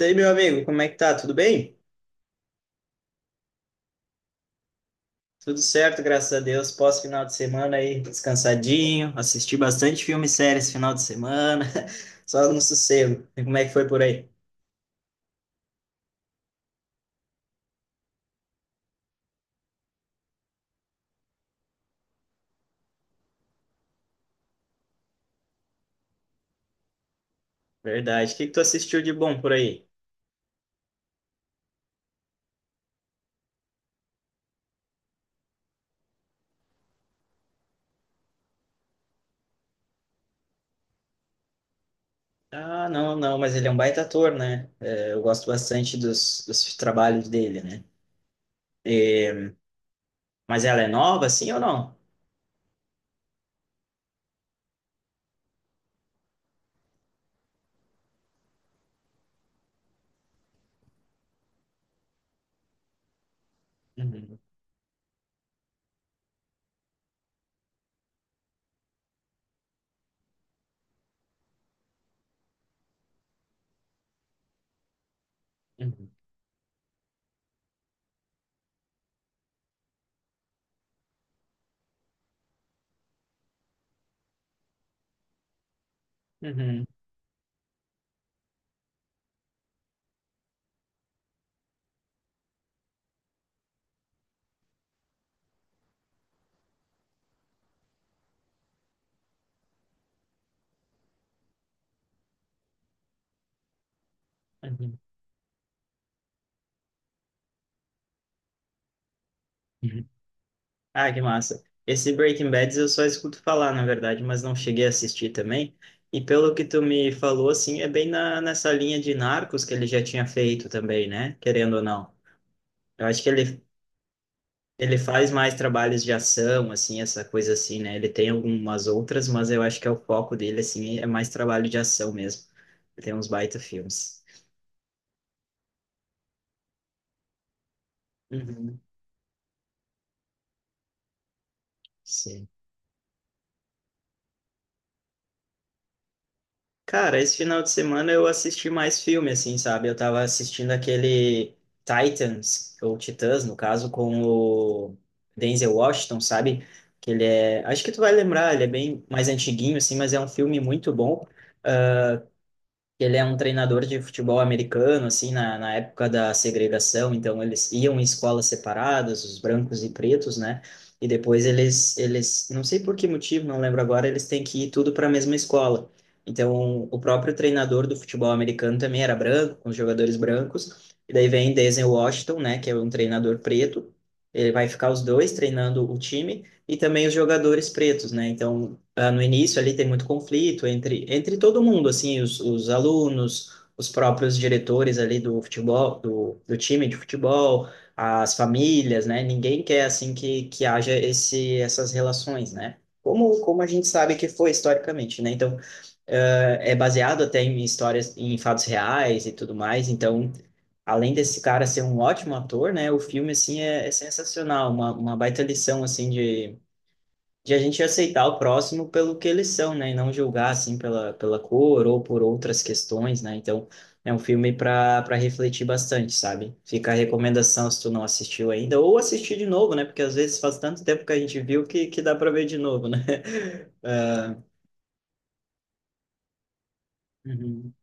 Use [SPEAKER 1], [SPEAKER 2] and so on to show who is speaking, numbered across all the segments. [SPEAKER 1] E aí, meu amigo, como é que tá? Tudo bem? Tudo certo, graças a Deus. Pós-final de semana aí, descansadinho. Assisti bastante filme e série esse final de semana. Só no sossego. E como é que foi por aí? Verdade. O que que tu assistiu de bom por aí? Ah, não, não, mas ele é um baita ator, né? É, eu gosto bastante dos trabalhos dele, né? Mas ela é nova, assim ou não? Uhum, uhum, uhum, uhum, uhum. Ah, que massa. Esse Breaking Bad eu só escuto falar, na verdade, mas não cheguei a assistir também. E pelo que tu me falou, assim, é bem nessa linha de Narcos que ele já tinha feito também, né? Querendo ou não. Eu acho que ele faz mais trabalhos de ação, assim, essa coisa assim, né? Ele tem algumas outras, mas eu acho que é o foco dele, assim, é mais trabalho de ação mesmo. Ele tem uns baita filmes. Uhum, sim. Cara, esse final de semana eu assisti mais filme, assim, sabe? Eu tava assistindo aquele Titans, ou Titãs, no caso, com o Denzel Washington, sabe? Que ele é. Acho que tu vai lembrar, ele é bem mais antiguinho, assim, mas é um filme muito bom. Ele é um treinador de futebol americano, assim, na época da segregação, então eles iam em escolas separadas, os brancos e pretos, né? E depois eles, não sei por que motivo, não lembro agora, eles têm que ir tudo para a mesma escola. Então, o próprio treinador do futebol americano também era branco, com os jogadores brancos. E daí vem Denzel Washington, né, que é um treinador preto. Ele vai ficar os dois treinando o time e também os jogadores pretos, né? Então, ah, no início ali tem muito conflito entre todo mundo, assim, os alunos, os próprios diretores ali do futebol, do time de futebol, as famílias, né? Ninguém quer, assim, que haja essas relações, né? Como a gente sabe que foi historicamente, né? Então, ah, é baseado até em histórias, em fatos reais e tudo mais, então... Além desse cara ser um ótimo ator, né? O filme, assim, é sensacional. Uma baita lição, assim, de a gente aceitar o próximo pelo que eles são, né? E não julgar, assim, pela cor ou por outras questões, né? Então, é um filme para refletir bastante, sabe? Fica a recomendação se tu não assistiu ainda, ou assistir de novo, né? Porque às vezes faz tanto tempo que a gente viu que dá para ver de novo, né? Ah, uhum,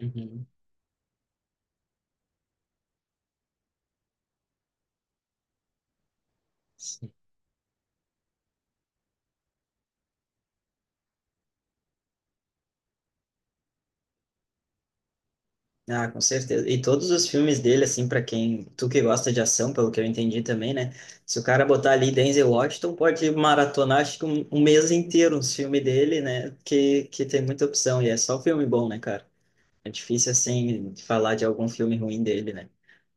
[SPEAKER 1] uhum. Ah, com certeza. E todos os filmes dele, assim, pra quem, tu que gosta de ação, pelo que eu entendi também, né? Se o cara botar ali Denzel Washington, pode maratonar, acho que um mês inteiro os filmes dele, né? Que tem muita opção. E é só filme bom, né, cara? É difícil, assim, falar de algum filme ruim dele, né?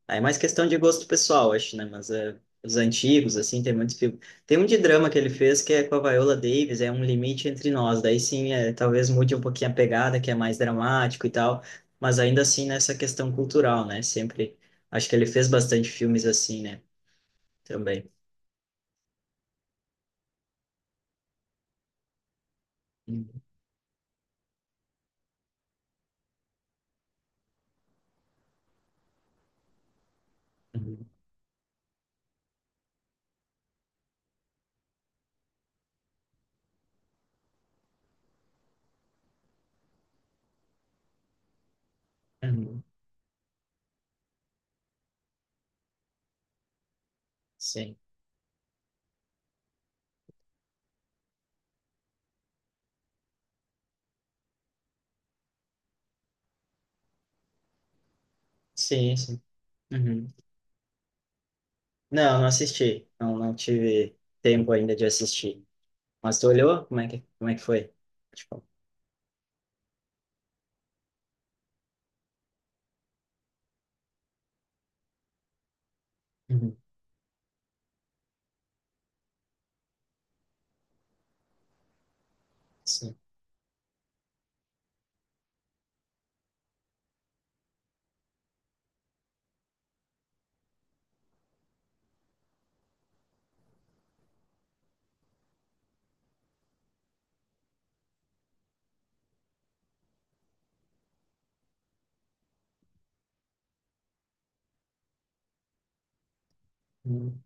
[SPEAKER 1] Aí é mais questão de gosto pessoal, acho, né? Mas é, os antigos, assim, tem muitos filmes. Tem um de drama que ele fez que é com a Viola Davis, é Um Limite Entre Nós. Daí sim, é, talvez mude um pouquinho a pegada, que é mais dramático e tal. Mas ainda assim, nessa questão cultural, né? Sempre. Acho que ele fez bastante filmes assim, né? Também. Uhum, uhum, uhum. Sim, sim, sim. Uhum. Não, não assisti. Não, não tive tempo ainda de assistir. Mas tu olhou? Como é que foi? Tipo, uhum, sim. Uhum.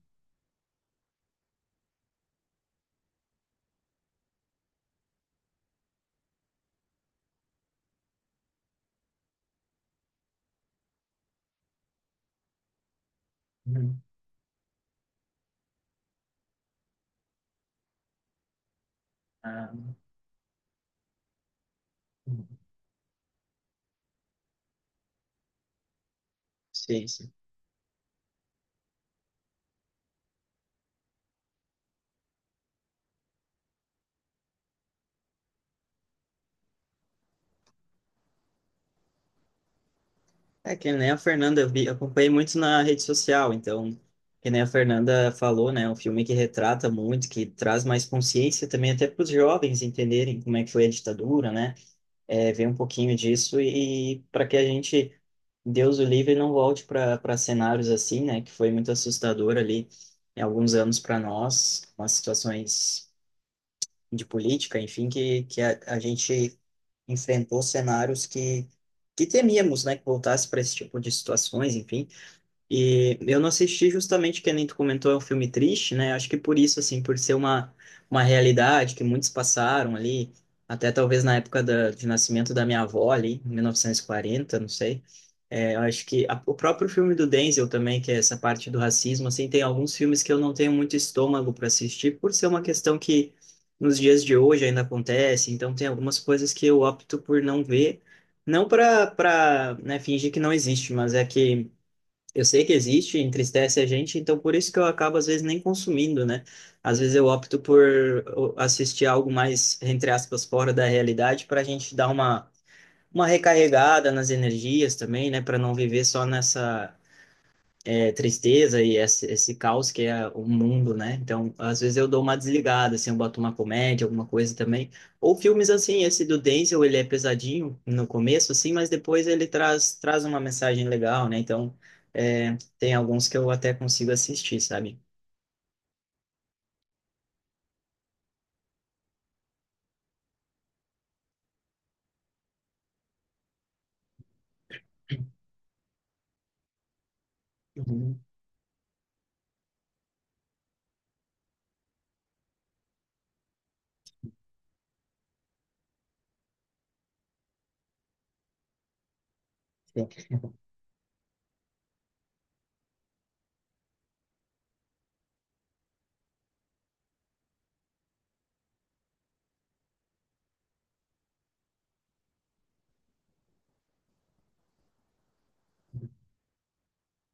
[SPEAKER 1] Uhum. Ah, sei, sei. É que nem a Fernanda, eu vi, acompanhei muito na rede social, então, que nem a Fernanda falou, né, é um filme que retrata muito, que traz mais consciência também até para os jovens entenderem como é que foi a ditadura, né, é, ver um pouquinho disso e, para que a gente, Deus o livre, não volte para cenários assim, né, que foi muito assustador ali em alguns anos para nós, umas situações de política, enfim, que a gente enfrentou cenários que temíamos, né, que voltasse para esse tipo de situações, enfim. E eu não assisti justamente, que nem tu comentou, é um filme triste, né? Acho que por isso, assim, por ser uma realidade que muitos passaram ali, até talvez na época de nascimento da minha avó ali, em 1940, não sei. É, eu acho que o próprio filme do Denzel também, que é essa parte do racismo, assim, tem alguns filmes que eu não tenho muito estômago para assistir, por ser uma questão que nos dias de hoje ainda acontece, então tem algumas coisas que eu opto por não ver, não para, né, fingir que não existe, mas é que eu sei que existe, entristece a gente, então por isso que eu acabo às vezes nem consumindo, né? Às vezes eu opto por assistir algo mais, entre aspas, fora da realidade para a gente dar uma recarregada nas energias também, né? Para não viver só nessa tristeza e esse caos que é o mundo, né? Então, às vezes eu dou uma desligada, assim, eu boto uma comédia, alguma coisa também. Ou filmes assim, esse do Denzel, ele é pesadinho no começo, assim, mas depois ele traz uma mensagem legal, né? Então, tem alguns que eu até consigo assistir, sabe? Uhum, sim.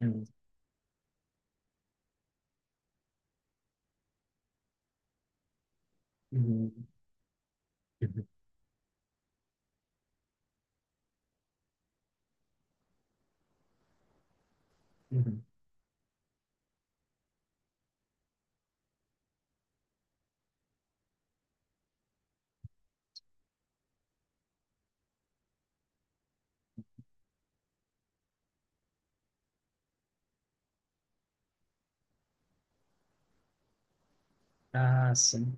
[SPEAKER 1] Uhum, uhum, uhum, uhum. Ah, sim.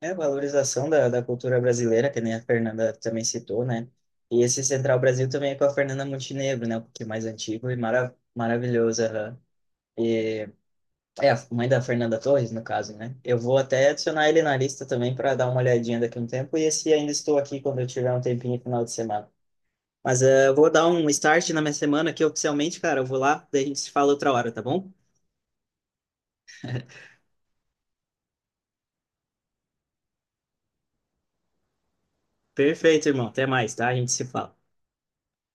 [SPEAKER 1] É a valorização da cultura brasileira, que nem a Fernanda também citou, né? E esse Central Brasil também é com a Fernanda Montenegro, né? Um pouquinho mais antigo e maravilhoso. Aham. E é a mãe da Fernanda Torres, no caso, né? Eu vou até adicionar ele na lista também para dar uma olhadinha daqui a um tempo. E esse ainda estou aqui quando eu tiver um tempinho no final de semana. Mas eu vou dar um start na minha semana aqui oficialmente, cara. Eu vou lá, daí a gente se fala outra hora, tá bom? Perfeito, irmão. Até mais, tá? A gente se fala.